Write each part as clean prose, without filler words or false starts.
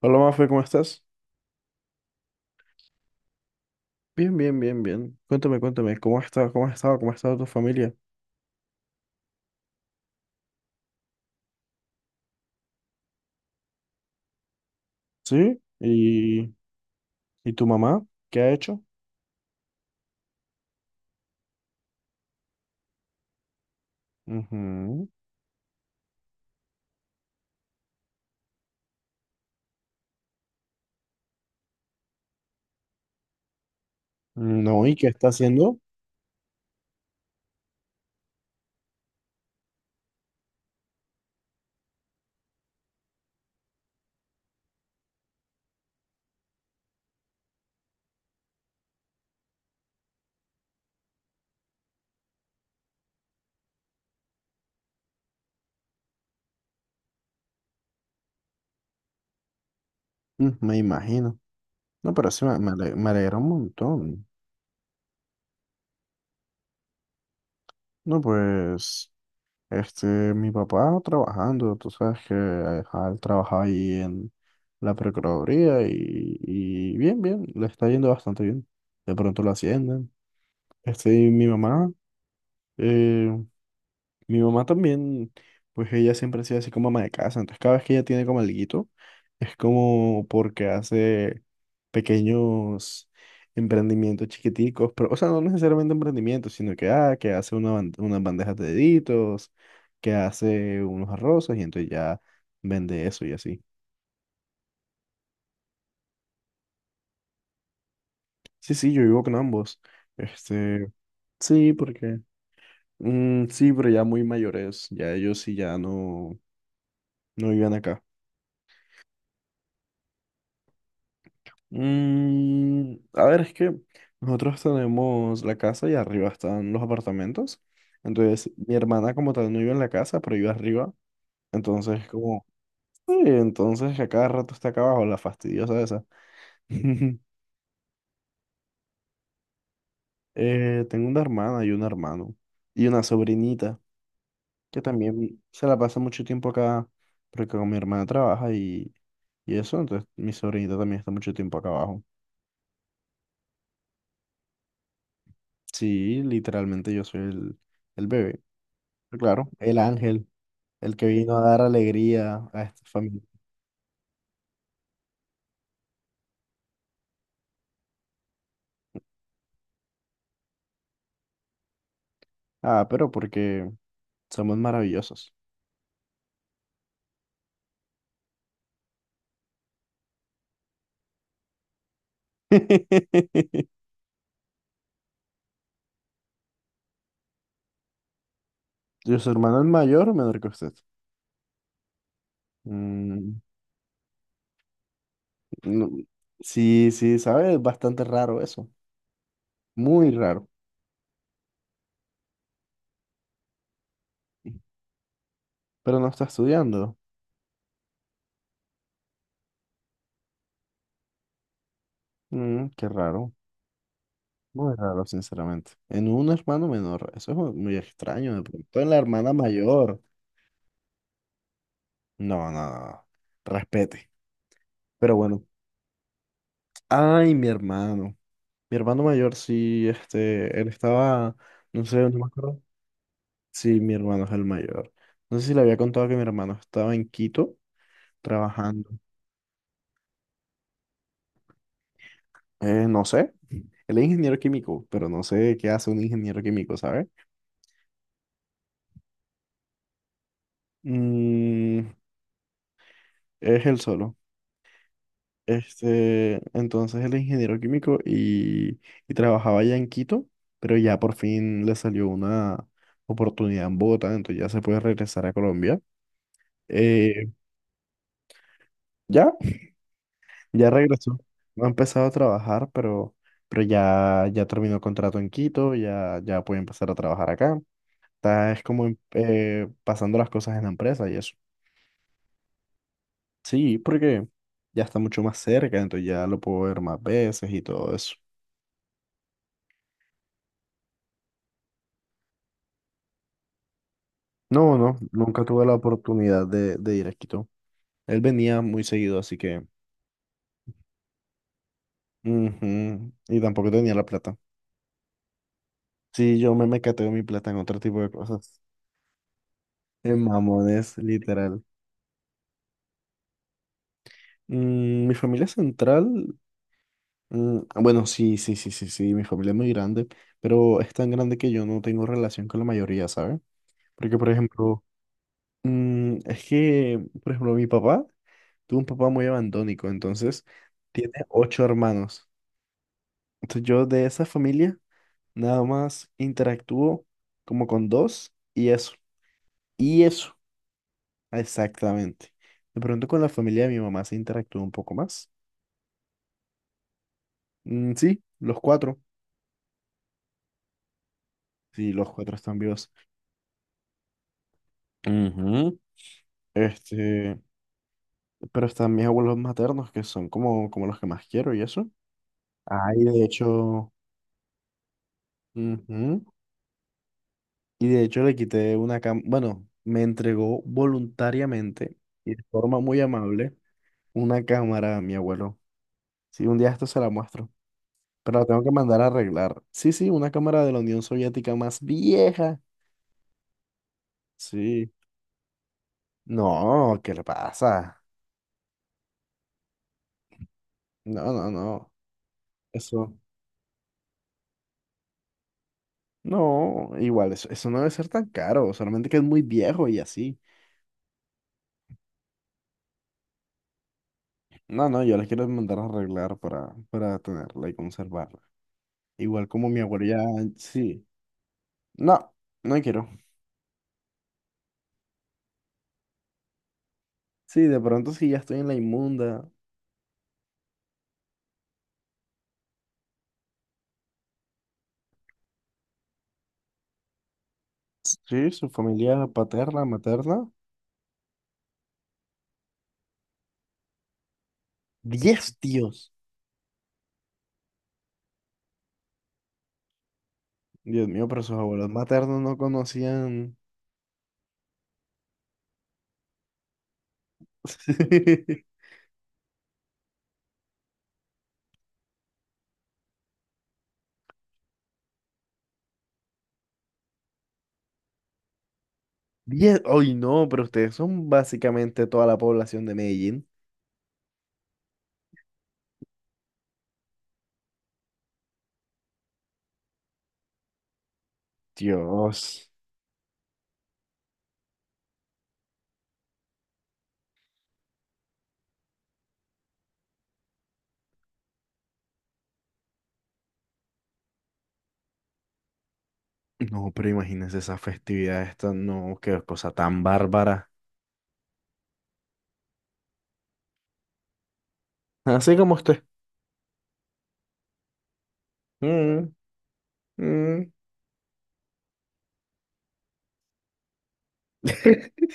Hola, Mafe, ¿cómo estás? Bien, bien, bien, bien. Cuéntame, cuéntame, ¿cómo has estado? ¿Cómo has estado? ¿Cómo ha estado tu familia? ¿Sí? ¿Y tu mamá? ¿Qué ha hecho? Ujú. Mm, no, ¿y qué está haciendo? Mm, me imagino. No, pero sí, me alegra un montón. No, pues, este, mi papá trabajando, tú sabes que ajá, él trabaja ahí en la Procuraduría y bien, bien, le está yendo bastante bien. De pronto lo ascienden. Y mi mamá. eh, Mi mamá también, pues ella siempre ha sido así como ama de casa, entonces cada vez que ella tiene como alguito, es como porque hace pequeños emprendimientos chiquiticos, pero, o sea, no necesariamente emprendimientos, sino que, que hace una unas bandejas de deditos, que hace unos arrozas y entonces ya vende eso y así. Sí, sí, yo vivo con ambos. Este, sí, porque, sí, pero ya muy mayores, ya ellos sí ya no, no viven acá. Mm, a ver, es que nosotros tenemos la casa y arriba están los apartamentos. Entonces, mi hermana como tal no vive en la casa, pero vive arriba. Entonces, como, sí, entonces a cada rato está acá abajo, la fastidiosa esa. Tengo una hermana y un hermano y una sobrinita que también se la pasa mucho tiempo acá porque con mi hermana trabaja y eso, entonces mi sobrinita también está mucho tiempo acá abajo. Sí, literalmente yo soy el bebé. Claro, el ángel, el que vino a dar alegría a esta familia. Ah, pero porque somos maravillosos. ¿Y su hermano es mayor o menor que usted? Mm, no, sí, sí, sabe, es bastante raro eso. Muy raro. Pero no está estudiando. Mm, qué raro. Muy raro, sinceramente. En un hermano menor, eso es muy extraño. De pronto en la hermana mayor. No, no, no. No. Respete. Pero bueno. Ay, mi hermano. Mi hermano mayor, sí, él estaba, no sé, no me acuerdo. Sí, mi hermano es el mayor. No sé si le había contado que mi hermano estaba en Quito trabajando. No sé, él es ingeniero químico, pero no sé qué hace un ingeniero químico, ¿sabes? Mm, es él solo. Entonces él es ingeniero químico y trabajaba allá en Quito, pero ya por fin le salió una oportunidad en Bogotá, entonces ya se puede regresar a Colombia. Eh, ya. Ya regresó. No ha empezado a trabajar, pero ya terminó contrato en Quito, ya puede empezar a trabajar acá. Es como pasando las cosas en la empresa y eso. Sí, porque ya está mucho más cerca, entonces ya lo puedo ver más veces y todo eso. No, no, nunca tuve la oportunidad de ir a Quito. Él venía muy seguido, así que... Ujú, y tampoco tenía la plata. Sí, yo me mecateo mi plata en otro tipo de cosas. En mamones, literal. Mm, mi familia central. Mm, ah, bueno, sí, sí, sí, sí, sí, mi familia es muy grande, pero es tan grande que yo no tengo relación con la mayoría, ¿sabes? Porque, por ejemplo, es que, por ejemplo, mi papá tuvo un papá muy abandónico, entonces tiene ocho hermanos. Entonces yo de esa familia nada más interactúo como con dos y eso, exactamente. De pronto con la familia de mi mamá se interactúa un poco más. Mm, sí, los cuatro están vivos. Ujú. Este, Pero están mis abuelos maternos, que son como los que más quiero y eso. Ah, y de hecho, ujú, y de hecho le quité una cama, bueno, me entregó voluntariamente y de forma muy amable una cámara a mi abuelo. Sí, un día esto se la muestro, pero la tengo que mandar a arreglar. Sí, sí, una cámara de la Unión Soviética más vieja. Sí. No, ¿qué le pasa? No, no, no. Eso, no, igual, eso no debe ser tan caro, solamente que es muy viejo y así. No, no, yo las quiero mandar a arreglar para tenerla y conservarla. Igual como mi abuela ya, sí. No, no quiero. Sí, de pronto si ya estoy en la inmunda. Sí, su familia paterna, materna. 10 tíos. Dios mío, pero sus abuelos maternos no conocían. 10. Ay, no, pero ustedes son básicamente toda la población de Medellín. Dios. No, pero imagínense esa festividad esta, no, qué cosa tan bárbara. Así como usted. Mm. Mm,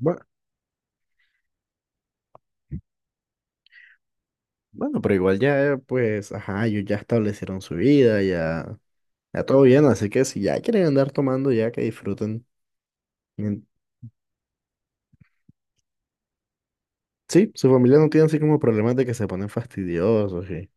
Bueno, bueno, pero igual ya, pues, ajá, ellos ya establecieron su vida, ya todo bien, así que si ya quieren andar tomando, ya que disfruten. Mien- Sí, su familia no tiene así como problemas de que se ponen fastidiosos y...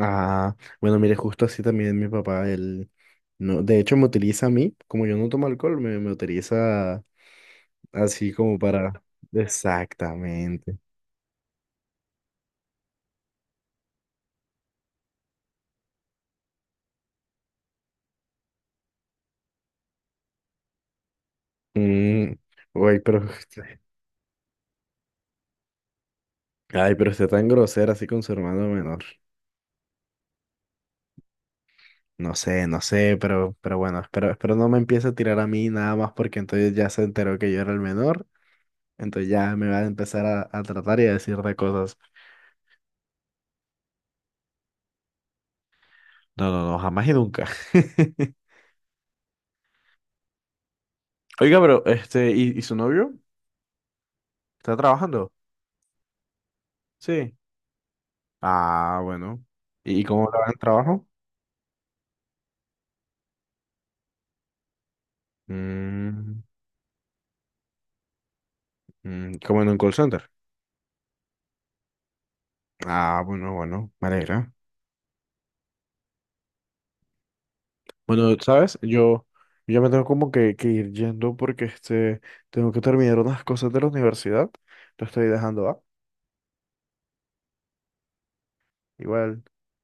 Ah, bueno, mire, justo así también mi papá, él, no, de hecho me utiliza a mí, como yo no tomo alcohol, me utiliza así como para... Exactamente. Mm, uy, pero... Ay, pero está tan grosera así con su hermano menor. No sé, no sé, pero bueno, espero no me empiece a tirar a mí nada más porque entonces ya se enteró que yo era el menor, entonces ya me va a empezar a tratar y a decir de cosas. No, no, no, jamás y nunca. Oiga, pero ¿y su novio? ¿Está trabajando? Sí. Ah, bueno. ¿Y cómo le va en el trabajo? Mm, mm, como en un call center. Ah, bueno, bueno, me alegra. Bueno, sabes, yo ya me tengo como que ir yendo porque tengo que terminar unas cosas de la universidad. Te estoy dejando, ¿va? Igual.